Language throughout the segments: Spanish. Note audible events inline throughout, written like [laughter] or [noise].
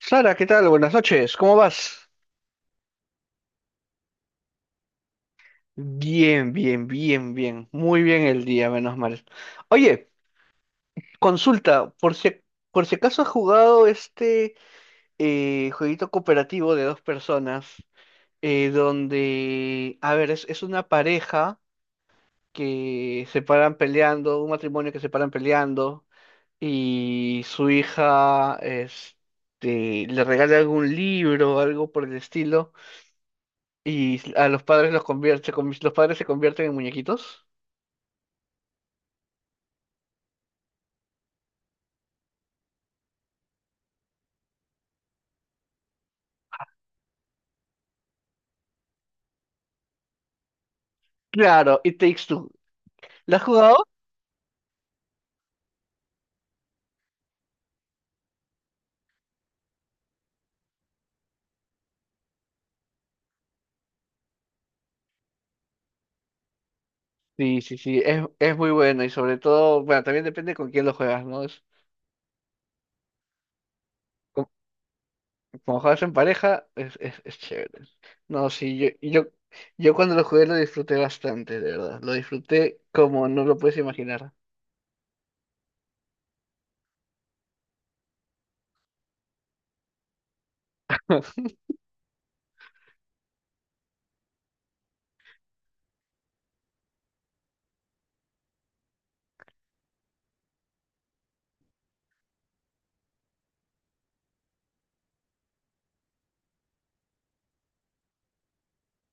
Sara, ¿qué tal? Buenas noches, ¿cómo vas? Bien, bien, bien, bien. Muy bien el día, menos mal. Oye, consulta, por si acaso has jugado jueguito cooperativo de dos personas, donde, a ver, es una pareja que se paran peleando, un matrimonio que se paran peleando, y su hija este, le regala algún libro, algo por el estilo. Y a los padres los convierte, los padres se convierten en muñequitos. Claro, It Takes Two. ¿La has jugado? Sí, sí, sí, es muy bueno y sobre todo, bueno, también depende con quién lo juegas, ¿no? Es, como, como juegas en pareja, es chévere. No, sí, yo, yo cuando lo jugué lo disfruté bastante, de verdad. Lo disfruté como no lo puedes imaginar.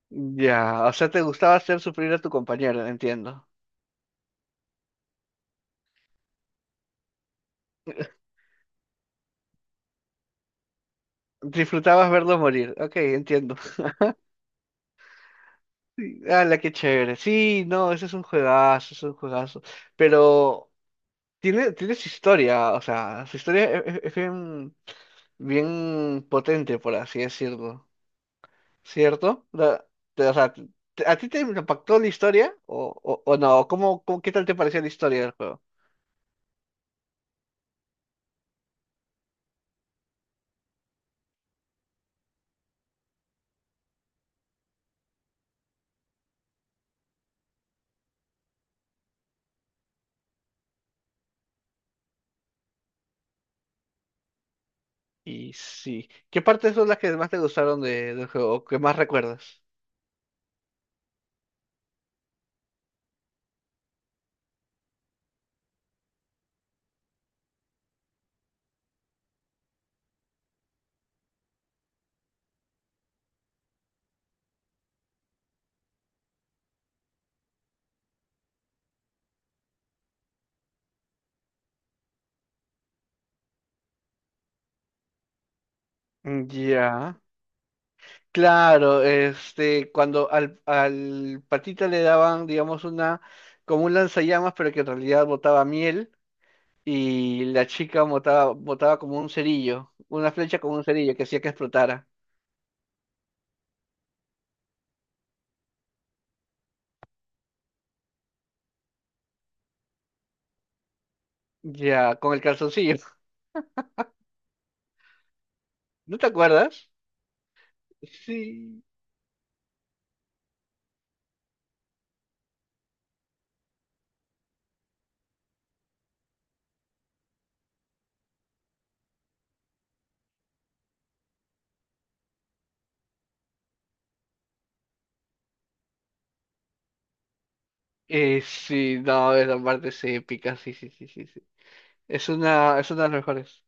Ya, o sea, te gustaba hacer sufrir a tu compañero, entiendo. Disfrutabas verlo morir, ok, entiendo. Sí, ala, qué chévere. Sí, no, ese es un juegazo, es un juegazo. Pero tiene su historia, o sea, su historia es, bien, bien potente, por así decirlo. ¿Cierto? O sea, ¿a ti te impactó la historia o, o no? ¿Cómo, qué tal te pareció la historia del juego? Y sí, ¿qué partes son las que más te gustaron del juego o que más recuerdas? Ya. Claro, este, cuando al patita le daban, digamos, como un lanzallamas, pero que en realidad botaba miel, y la chica botaba como un cerillo, una flecha como un cerillo que hacía que explotara. Ya, con el calzoncillo. [laughs] ¿No te acuerdas? Sí. Sí, no, esa parte es épica, sí, sí, sí, sí, sí. Es una de las mejores.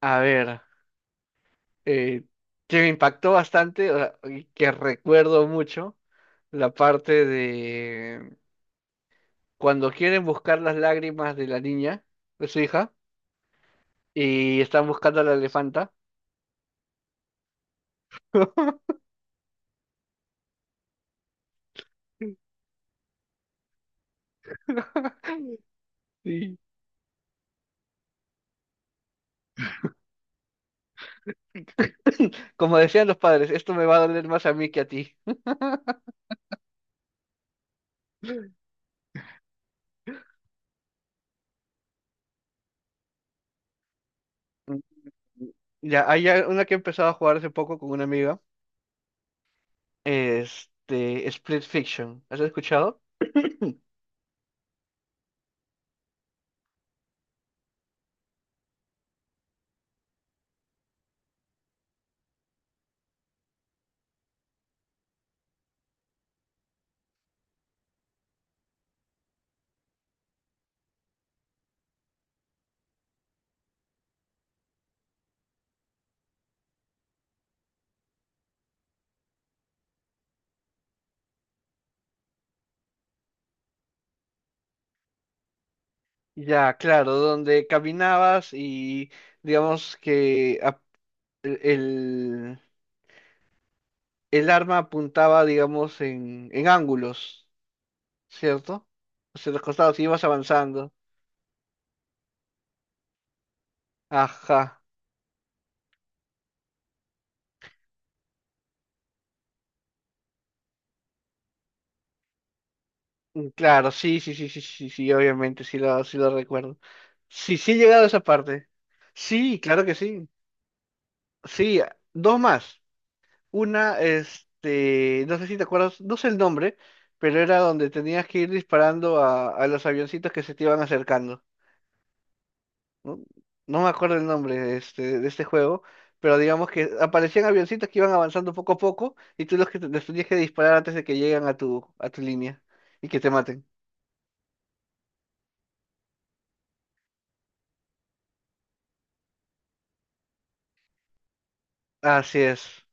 A ver, eh, que me impactó bastante, o sea, y que recuerdo mucho, la parte de cuando quieren buscar las lágrimas de la niña, de su hija, y están buscando a la elefanta. [laughs] Sí. Como decían los padres, esto me va a doler más a mí que a ti. Mm, ya, hay una que he empezado a jugar hace poco con una amiga, este, Split Fiction. ¿Has escuchado? Ya, claro, donde caminabas y digamos que el, el arma apuntaba, digamos, en ángulos. ¿Cierto? Hacia los costados y vas avanzando. Ajá. Mm, claro, sí, sí, sí, sí, sí, sí, obviamente, sí lo recuerdo. Sí, sí he llegado a esa parte. Sí, claro que sí. Sí, dos más. Una, este, no sé si te acuerdas, no sé el nombre, pero era donde tenías que ir disparando a los avioncitos que se te iban acercando. No, no me acuerdo el nombre este, de este juego, pero digamos que aparecían avioncitos que iban avanzando poco a poco y tú los que les tenías que disparar antes de que lleguen a tu línea y que te maten. Así es.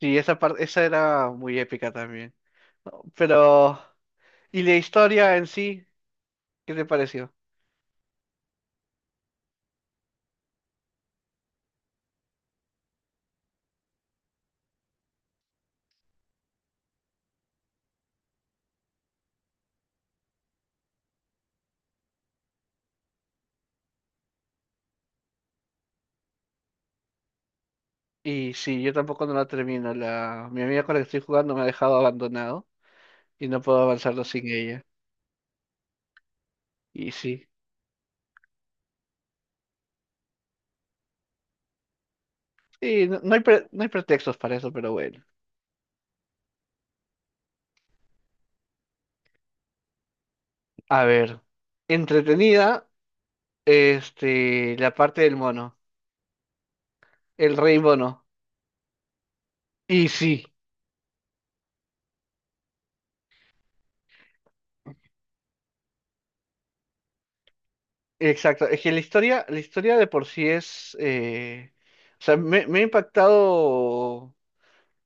Sí, esa parte, esa era muy épica también. No, pero, ¿y la historia en sí? ¿Qué te pareció? Y sí, yo tampoco no la termino. La, mi amiga con la que estoy jugando me ha dejado abandonado y no puedo avanzarlo sin ella. Y sí. Sí, no, no hay pretextos para eso, pero bueno. A ver, entretenida, este, la parte del mono, el rey mono. Y sí, exacto. Es que la historia de por sí es, o sea,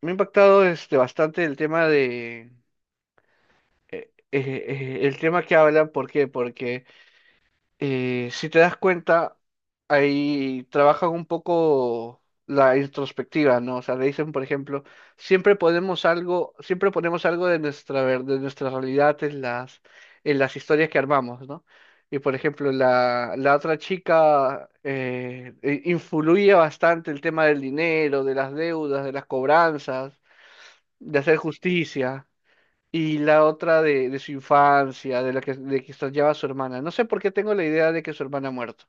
me ha impactado este bastante el tema de, eh, eh, el tema que hablan. ¿Por qué? Porque si te das cuenta, ahí trabajan un poco la introspectiva, ¿no? O sea, le dicen, por ejemplo, siempre ponemos algo de nuestra, de nuestra realidad en las historias que armamos, ¿no? Y por ejemplo, la otra chica influye bastante el tema del dinero, de las deudas, de las cobranzas, de hacer justicia. Y la otra de su infancia, de que extrañaba a su hermana. No sé por qué tengo la idea de que su hermana ha muerto.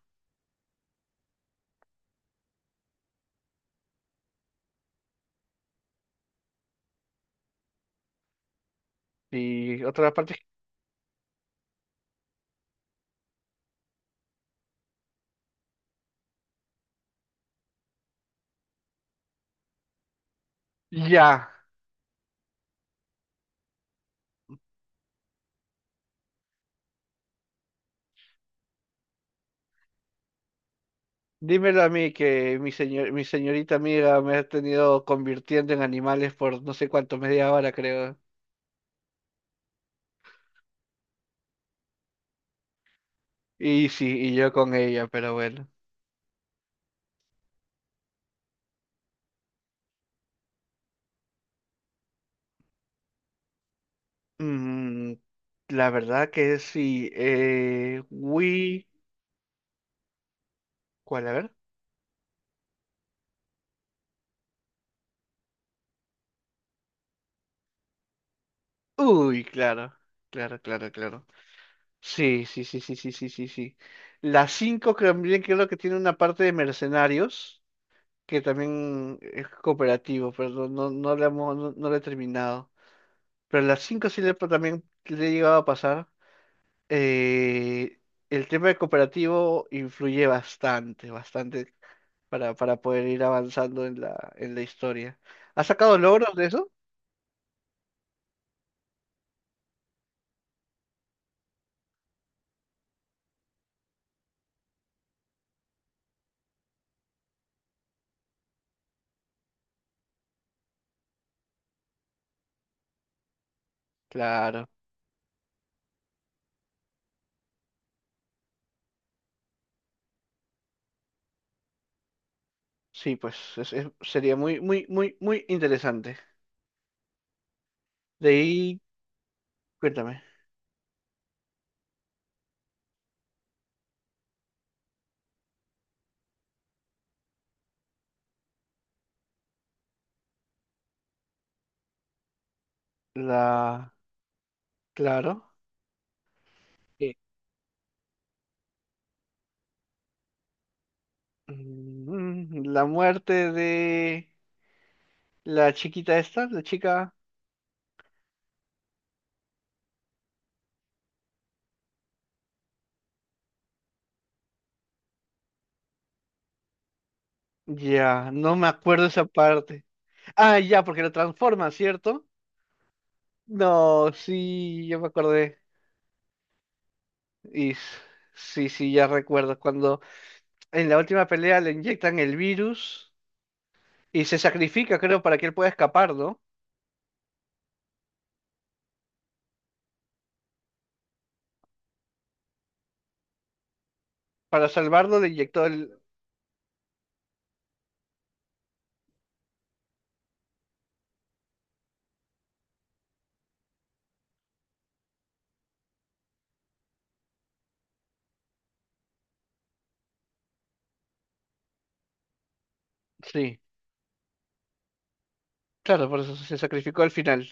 Y otra parte, [laughs] ya, dímelo a mí que mi señorita amiga me ha tenido convirtiendo en animales por no sé cuánto, media hora creo. Y sí, y yo con ella, pero bueno. Mm, la verdad que sí. We... ¿Cuál? A ver. Uy, claro, claro, claro, claro. Sí, sí, sí, sí, sí, sí, sí, sí. La 5 también creo que tiene una parte de mercenarios, que también es cooperativo, pero no, no, no, no la he terminado. Pero la cinco sí le, también le he llegado a pasar. Eh, el tema de cooperativo influye bastante, bastante para poder ir avanzando en la historia. ¿Has sacado logros de eso? Claro, sí, pues sería muy, muy, muy, muy interesante. De ahí, cuéntame. La Claro. Sí. Mm, la muerte de la chiquita esta, la chica. Ya, no me acuerdo esa parte. Ah, ya, porque lo transforma, ¿cierto? No, sí, yo me acordé. Y s- sí, sí, ya recuerdo. Cuando en la última pelea le inyectan el virus y se sacrifica, creo, para que él pueda escapar, ¿no? Para salvarlo le inyectó el... Sí, claro, por eso se sacrificó al final.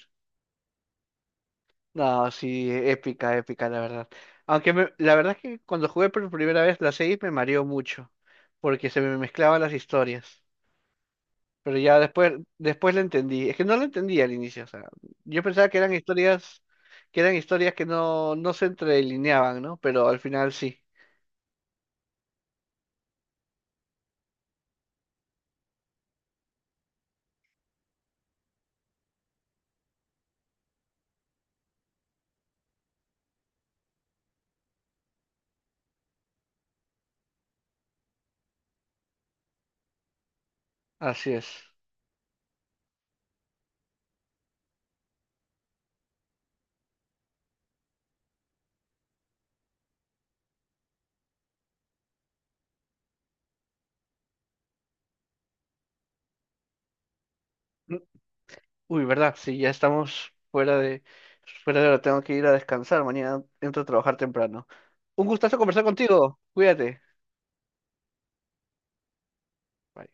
No, sí, épica, épica, la verdad. La verdad es que cuando jugué por primera vez la 6 me mareó mucho, porque se me mezclaban las historias. Pero ya después, después la entendí. Es que no la entendí al inicio, o sea, yo pensaba que eran historias, que eran historias que no, no se entrelineaban, ¿no? Pero al final sí, así es. Mm, uy, ¿verdad? Sí, ya estamos fuera de hora, tengo que ir a descansar, mañana entro a trabajar temprano. Un gustazo conversar contigo, cuídate. Bye.